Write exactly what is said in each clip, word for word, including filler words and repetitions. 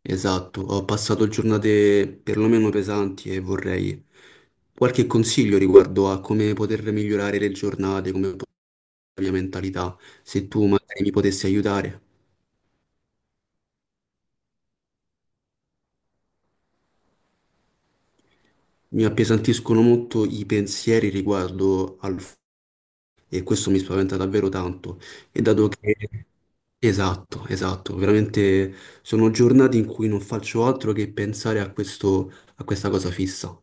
Esatto, ho passato giornate perlomeno pesanti e vorrei qualche consiglio riguardo a come poter migliorare le giornate, come po- la mia mentalità, se tu magari mi potessi aiutare. Mi appesantiscono molto i pensieri riguardo al f- e questo mi spaventa davvero tanto. E dato che esatto, esatto, veramente sono giornate in cui non faccio altro che pensare a questo, a questa cosa fissa.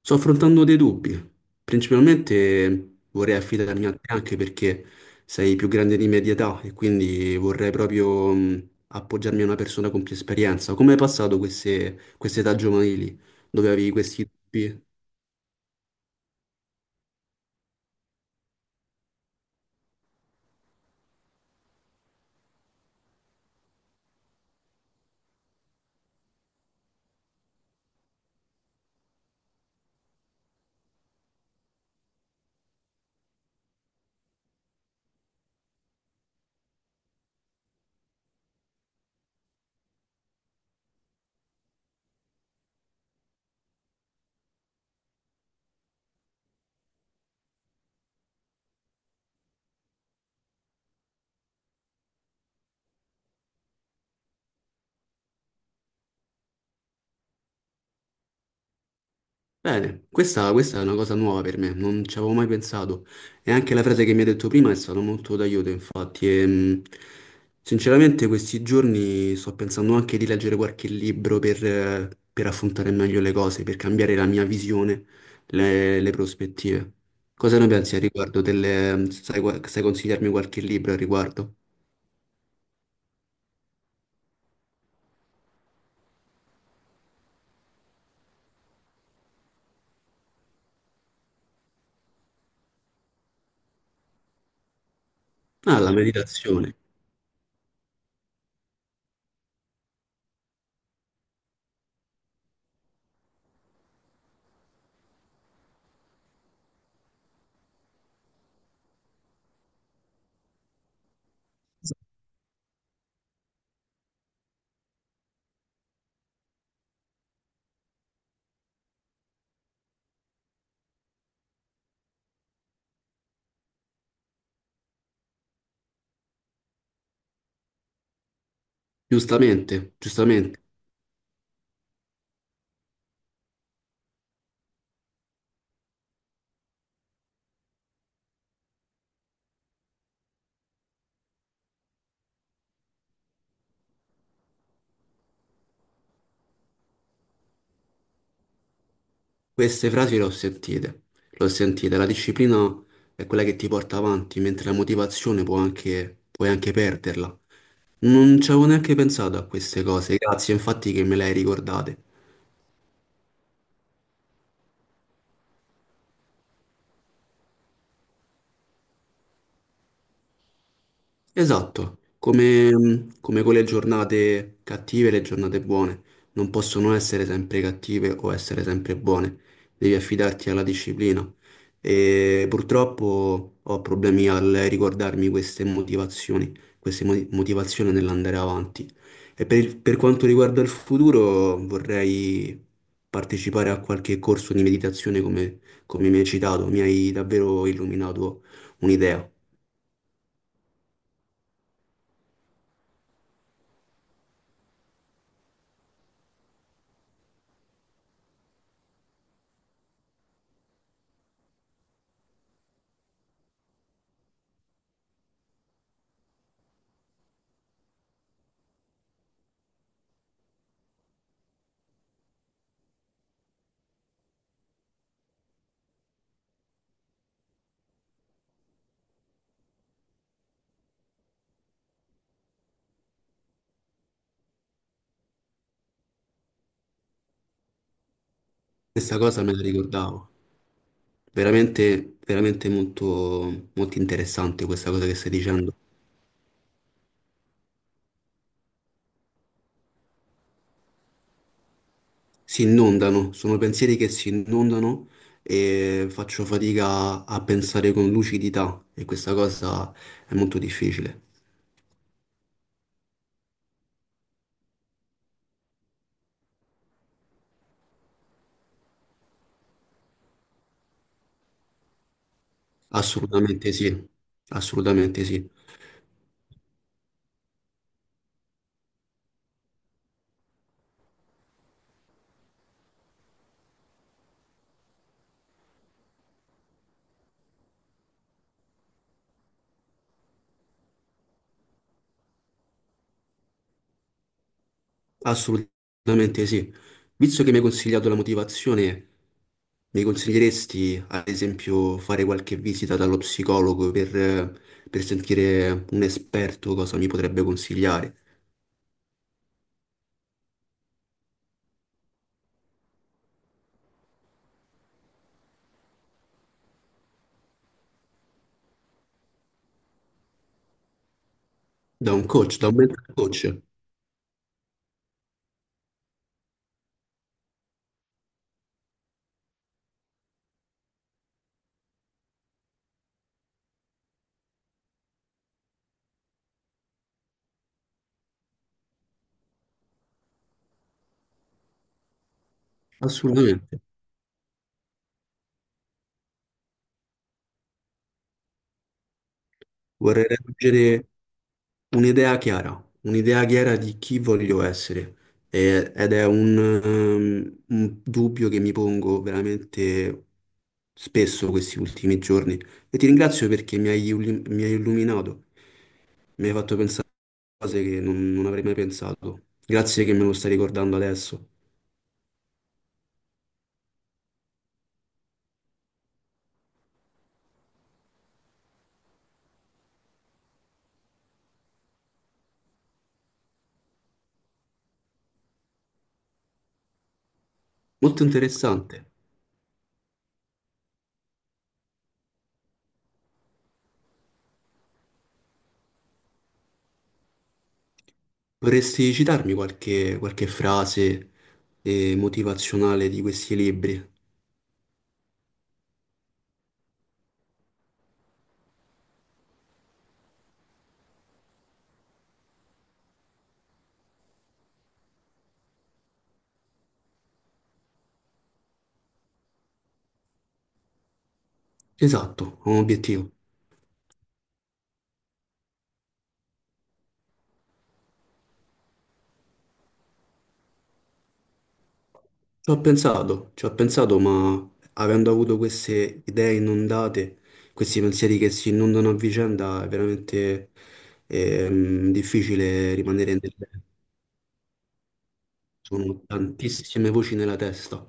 Sto affrontando dei dubbi. Principalmente vorrei affidarmi a te anche perché sei più grande di me di età e quindi vorrei proprio mh, appoggiarmi a una persona con più esperienza. Come hai passato queste, queste età giovanili dove avevi questi dubbi? Bene, questa, questa è una cosa nuova per me, non ci avevo mai pensato. E anche la frase che mi hai detto prima è stata molto d'aiuto, infatti. E, mh, sinceramente, questi giorni sto pensando anche di leggere qualche libro per, eh, per affrontare meglio le cose, per cambiare la mia visione, le, le prospettive. Cosa ne pensi a riguardo delle... Sai, qua- sai consigliarmi qualche libro a riguardo? Ah, la meditazione, giustamente, giustamente. Queste frasi le ho sentite, le ho sentite. La disciplina è quella che ti porta avanti, mentre la motivazione può anche, puoi anche perderla. Non ci avevo neanche pensato a queste cose, grazie infatti che me le hai ricordate. Esatto, come, come con le giornate cattive e le giornate buone, non possono essere sempre cattive o essere sempre buone, devi affidarti alla disciplina. E purtroppo ho problemi al ricordarmi queste motivazioni, queste mo- motivazioni nell'andare avanti. E per, il- per quanto riguarda il futuro, vorrei partecipare a qualche corso di meditazione come, come mi hai citato, mi hai davvero illuminato un'idea. Questa cosa me la ricordavo. Veramente, veramente molto, molto interessante questa cosa che stai dicendo. Si inondano, sono pensieri che si inondano e faccio fatica a pensare con lucidità e questa cosa è molto difficile. Assolutamente sì, assolutamente sì, assolutamente sì. Visto che mi hai consigliato la motivazione, mi consiglieresti ad esempio fare qualche visita dallo psicologo per, per sentire un esperto cosa mi potrebbe consigliare? Da un coach, da un mental coach, assolutamente. Vorrei raggiungere un'idea chiara, un'idea chiara di chi voglio essere E- ed è un, ehm, un dubbio che mi pongo veramente spesso questi ultimi giorni e ti ringrazio perché mi hai, illu- mi hai illuminato, mi hai fatto pensare a cose che non, non avrei mai pensato. Grazie che me lo stai ricordando adesso. Molto interessante. Vorresti citarmi qualche, qualche frase eh, motivazionale di questi libri? Esatto, ho un obiettivo. Ci ho pensato, ci ho pensato, ma avendo avuto queste idee inondate, questi pensieri che si inondano a vicenda, è veramente ehm, difficile rimanere nel Sono tantissime voci nella testa,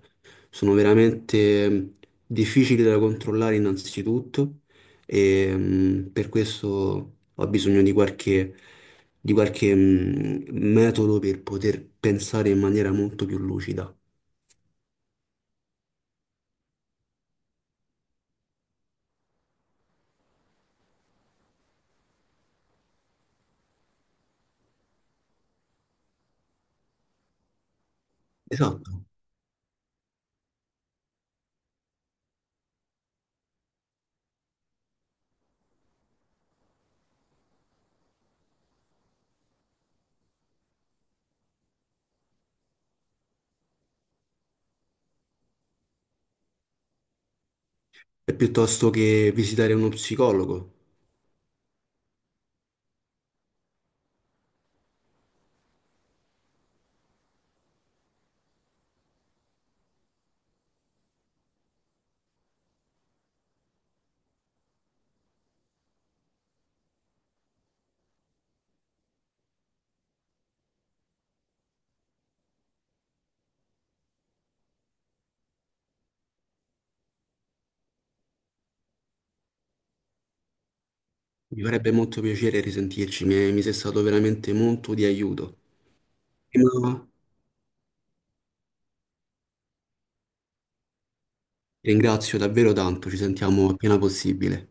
sono veramente ehm, difficili da controllare innanzitutto e mh, per questo ho bisogno di qualche, di qualche mh, metodo per poter pensare in maniera molto più lucida. Esatto. E piuttosto che visitare uno psicologo. Mi farebbe molto piacere risentirci, mi, mi sei stato veramente molto di aiuto. Prima, ti ringrazio davvero tanto, ci sentiamo appena possibile.